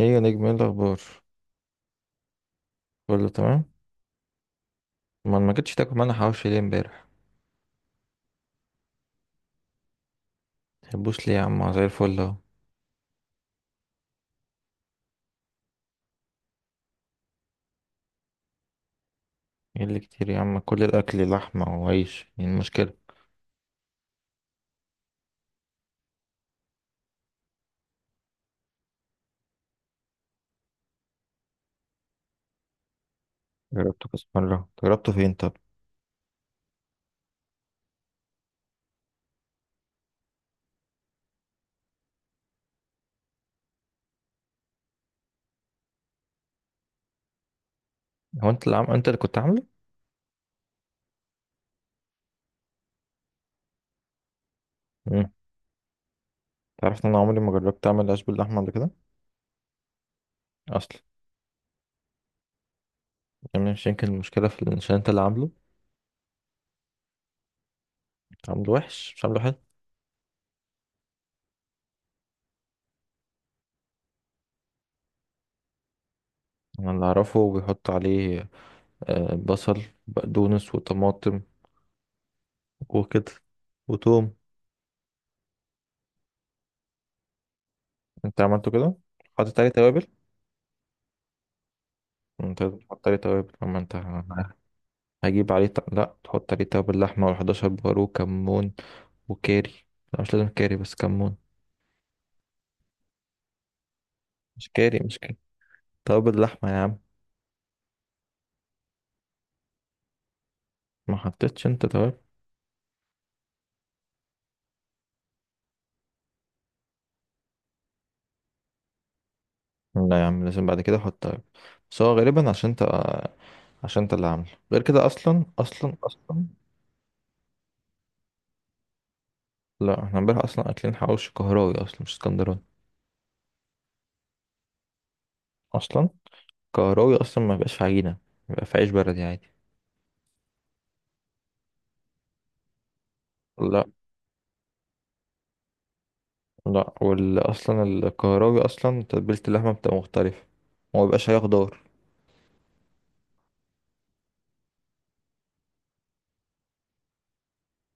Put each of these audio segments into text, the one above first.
ايه يا نجم، ايه الاخبار؟ كله تمام. ما جيتش تاكل معانا حواوشي ليه امبارح؟ تحبوش ليه يا عم؟ زي الفل اهو. ايه اللي كتير يا عم؟ كل الاكل لحمه وعيش، ايه المشكله؟ جربته كذا مره، جربته فين طب؟ هو انت اللي انت اللي كنت عامله؟ امم تعرف ان انا عمري ما جربت اعمل عيش باللحمه قبل كده اصلا؟ يعني مش يمكن المشكله في عشان انت اللي عامله؟ عامله وحش مش عامله حلو. انا اللي اعرفه بيحط عليه بصل، بقدونس، وطماطم، وكده، وتوم. انت عملته كده؟ حاطط عليه توابل؟ انت لازم تحط عليه توابل. اما انت هجيب عليه لا، تحط عليه توابل لحمة، و11 بهار، وكمون، وكاري. لا، مش لازم كاري، بس كمون. مش كاري، مش كاري، توابل لحمة يا عم. ما حطيتش انت توابل؟ لا يا عم، لازم بعد كده احط توابل. بس هو غالبا عشان انت، عشان انت اللي عامله غير كده اصلا. اصلا. لا احنا امبارح اصلا اكلين حواوشي قهراوي اصلا، مش اسكندراني اصلا. قهراوي اصلا ما بيبقاش في عجينة، بيبقى في عيش بلدي عادي. لا لا وال اصلا الكهراوي اصلا تتبيلة اللحمة بتبقى مختلفة، وما بيبقاش عليها خضار.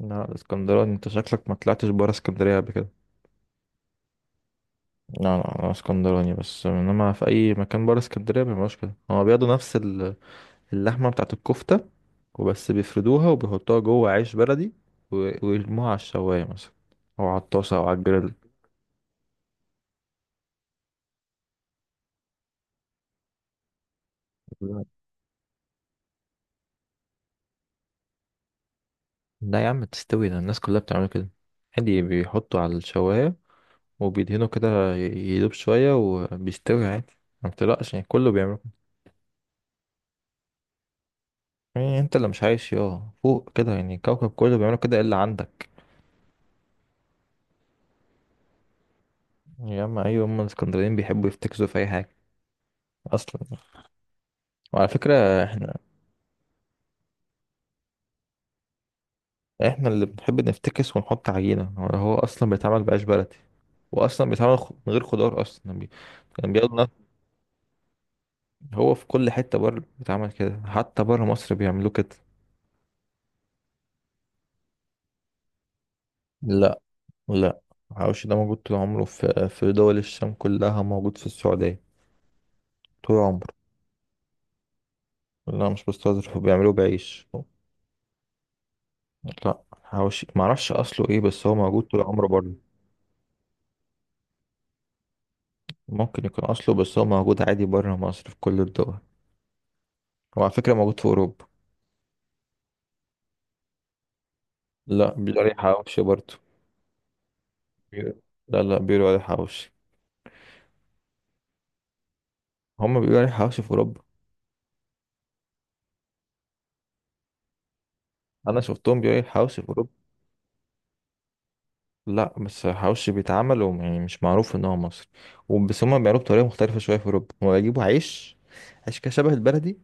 لا الاسكندراني، انت شكلك ما طلعتش برا اسكندرية قبل كده. لا انا اسكندراني، بس انما في اي مكان برا اسكندرية مبيبقاش كده. هما بياخدوا نفس اللحمة بتاعت الكفتة وبس، بيفردوها وبيحطوها جوه عيش بلدي، ويرموها على الشواية مثلا، او على الطاسة، او على الجريل. لا لا يا عم تستوي، ده الناس كلها بتعمل كده عادي. بيحطوا على الشواية وبيدهنوا كده يدوب شوية، وبيستوي عادي. ما بتقلقش يعني، كله بيعملوا كده. يعني انت اللي مش عايش يا فوق كده؟ يعني الكوكب كله بيعملوا كده الا عندك. يا اما ايوه، هم الاسكندرانيين بيحبوا يفتكسوا في اي حاجة اصلا. وعلى فكرة احنا، احنا اللي بنحب نفتكس ونحط عجينة. هو هو اصلا بيتعمل بعيش بلدي، واصلا بيتعمل من غير خضار اصلا. كان بياخد هو في كل حتة بره بيتعمل كده، حتى بره مصر بيعملوه كده. لا لا الحواوشي ده موجود طول عمره في دول الشام كلها، موجود في السعودية طول عمره. لا مش بستظرف، بيعملوه بعيش. لا حواوشي ما اعرفش اصله ايه، بس هو موجود طول عمره بره. ممكن يكون اصله، بس هو موجود عادي بره مصر في كل الدول. وعلى فكرة موجود في اوروبا. لا بيقولوا عليه حواوشي برضه. بيقولوا- لا بيقولوا عليه حواوشي. هم بيقولوا عليه حواوشي في اوروبا. انا شفتهم بيقولوا عليه حواوشي في اوروبا. لا بس حواوشي بيتعمل يعني مش معروف ان هو مصري وبس. هم بيعملوه بطريقة مختلفة شوية في اوروبا، هم بيجيبوا عيش، عيش كده شبه البلدي،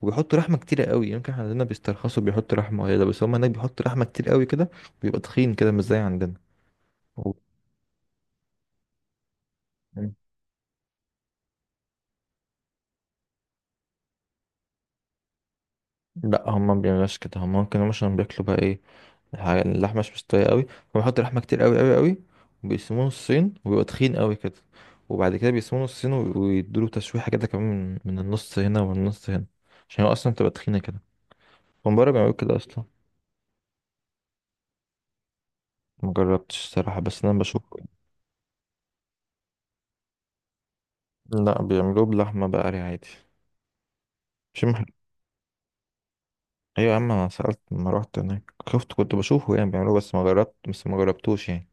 وبيحطوا رحمه كتيره قوي. يمكن احنا عندنا بيسترخصوا بيحطوا رحمه وهي ده، بس هم هناك بيحطوا رحمه كتير قوي كده. بيبقى تخين كده، مش زي عندنا. و- لا هم ما بيعملوش كده. هم ممكن هم مثلا بياكلوا بقى ايه، اللحمه مش مستويه قوي، فبيحطوا لحمه كتير قوي قوي قوي، وبيقسموه نصين، وبيبقى تخين قوي كده. وبعد كده بيقسموه نصين ويدوله تشويحه كده كمان، من النص هنا ومن النص هنا، عشان هو اصلا تبقى تخينه كده. هم بره بيعملوا كده اصلا. مجربتش الصراحه، بس انا بشوف. لا بيعملوه بلحمه بقري عادي، مش. ايوه يا عم، انا سألت لما روحت هناك شفت، كنت بشوفه يعني بيعملوه، بس ما جربت، بس ما جربتوش يعني.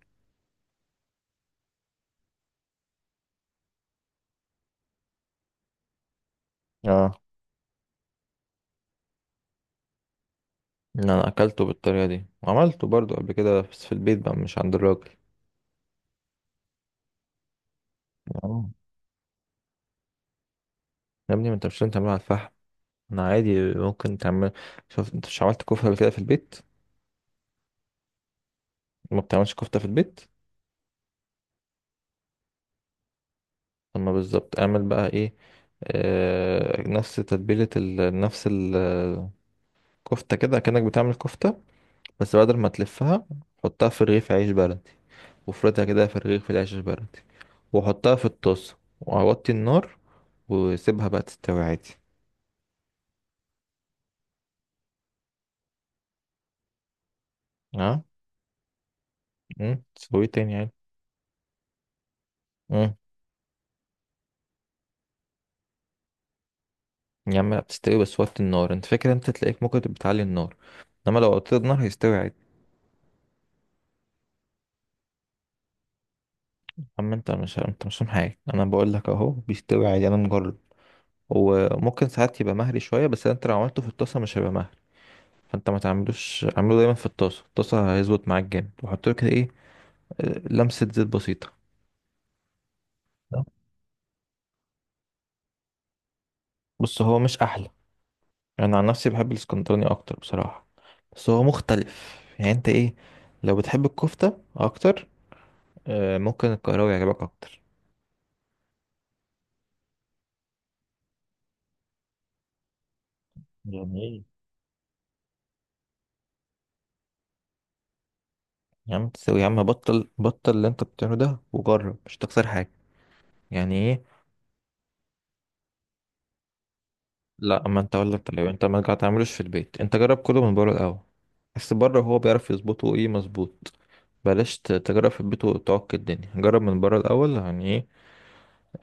اه. ان انا اكلته بالطريقة دي، وعملته برضو قبل كده بس في البيت بقى، مش عند الراجل. آه. يا ابني ما انت مش لازم تعمله على الفحم. انا عادي ممكن تعمل، شوف، انت مش عملت كفتة قبل كده في البيت؟ ما بتعملش كفتة في البيت؟ اما بالظبط اعمل بقى ايه. آه، نفس تتبيلة نفس الكفتة، كده كأنك بتعمل كفتة، بس بدل ما تلفها حطها في رغيف عيش بلدي، وافردها كده في رغيف العيش البلدي، واحطها في الطاسة، واوطي النار، واسيبها بقى تستوي عادي. اه. امم، تسوي تاني عادي. امم. يا عم لا، بتستوي بس وطي النار. انت فاكر انت تلاقيك ممكن تبقى بتعلي النار، انما لو وطيت النار هيستوي عادي. اما انت مش، انت مش فاهم حاجة. انا بقول لك اهو بيستوي عادي، انا مجرب. وممكن ساعات يبقى مهري شوية، بس انت لو عملته في الطاسة مش هيبقى مهري. فانت ما تعملوش، اعمله دايما في الطاسة. الطاسة هيظبط معاك جامد، وحط له كده ايه، آه، لمسة زيت بسيطة. بص هو مش احلى، انا عن نفسي بحب الاسكندراني اكتر بصراحه، بس هو مختلف يعني. انت ايه، لو بتحب الكفته اكتر، ممكن القاهره يعجبك اكتر. يعني ايه؟ يا عم تسوي. يا عم بطل، بطل اللي انت بتعمله ده وجرب، مش تخسر حاجه. يعني ايه؟ لا، ما انت اقول لك، طيب انت ما تعملوش في البيت، انت جرب كله من بره الاول. بس بره هو بيعرف يظبطه ايه، مظبوط. بلاش تجرب في البيت وتعك الدنيا، جرب من بره الاول. يعني ايه،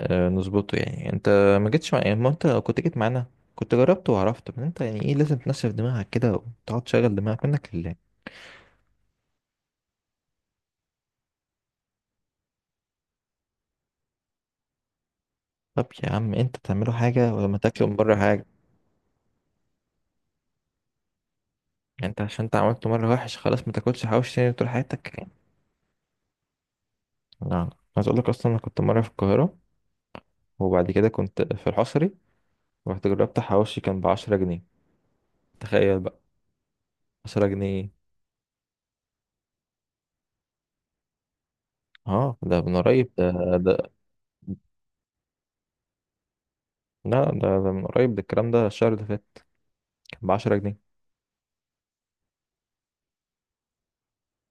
نظبطه يعني. انت ما جيتش مع يعني، ما انت لو كنت جيت معانا كنت جربت وعرفت. بس انت يعني ايه، لازم تنشف دماغك كده وتقعد تشغل دماغك منك لله. طب يا عم انت تعمله حاجة، ولما تاكله من بره حاجة. يعني انت عشان انت عملته مرة وحش خلاص ما تاكلش حواوشي تاني طول حياتك يعني؟ لا، عايز اقول لك اصلا، انا كنت مرة في القاهرة، وبعد كده كنت في الحصري، رحت جربت حواوشي كان ب10 جنيه. تخيل بقى، 10 جنيه. اه ده من قريب ده. ده لا ده, ده من قريب ده الكلام ده، الشهر اللي فات كان ب10 جنيه.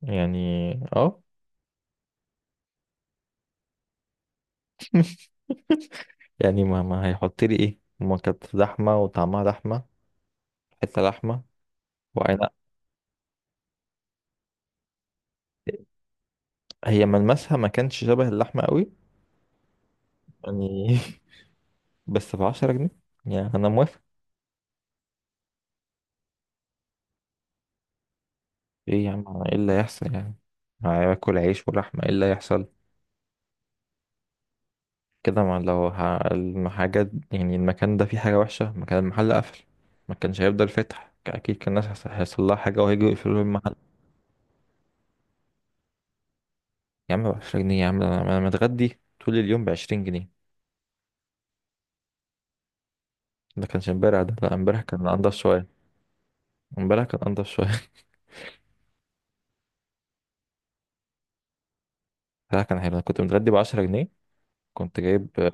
يعني اه. يعني ما هيحط لي ايه؟ ما كانت لحمه وطعمها لحمه، حته لحمه. وعينها، هي ملمسها ما كانش شبه اللحمه قوي يعني. بس ب 10 جنيه يعني، انا موافق. ايه يا عم، ايه اللي هيحصل يعني؟ هاكل عيش ولحمه، ايه اللي هيحصل؟ كده ما لو الحاجات يعني المكان ده فيه حاجه وحشه، مكان المحل قفل، ما كانش هيفضل فاتح اكيد. كان الناس هيحصل لها حاجه وهيجوا يقفلوا المحل. يا عم ب 10 جنيه يا عم، ده انا متغدي طول اليوم ب 20 جنيه. ده كانش امبارح ده، لا امبارح كان انضف شويه. امبارح كان انضف شويه. امبارح كان حلو، انا كنت متغدي ب 10 جنيه. كنت جايب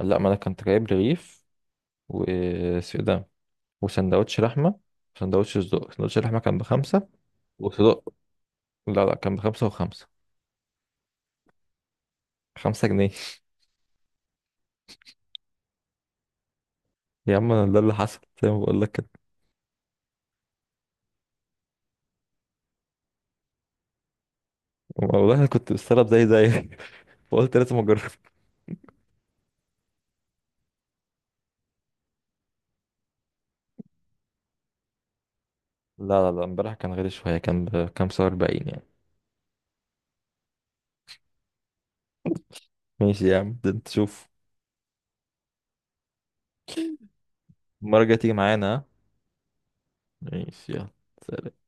لا ما انا كنت جايب رغيف، واسمه إيه ده، وسندوتش لحمه، وسندوتش صدق. سندوتش اللحمه كان ب5، وصدق. لا لا، كان ب5 و5. 5 جنيه. يا عم انا ده اللي حصل زي ما بقول لك كده. والله انا كنت مستغرب زي، فقلت لازم اجرب. لا لا امبارح كان غالي شويه، كان بكام، سعر 40 يعني. ماشي يا عم، ده انت شوف. المره الجايه تيجي معانا، ها؟ ماشي يلا، سلام.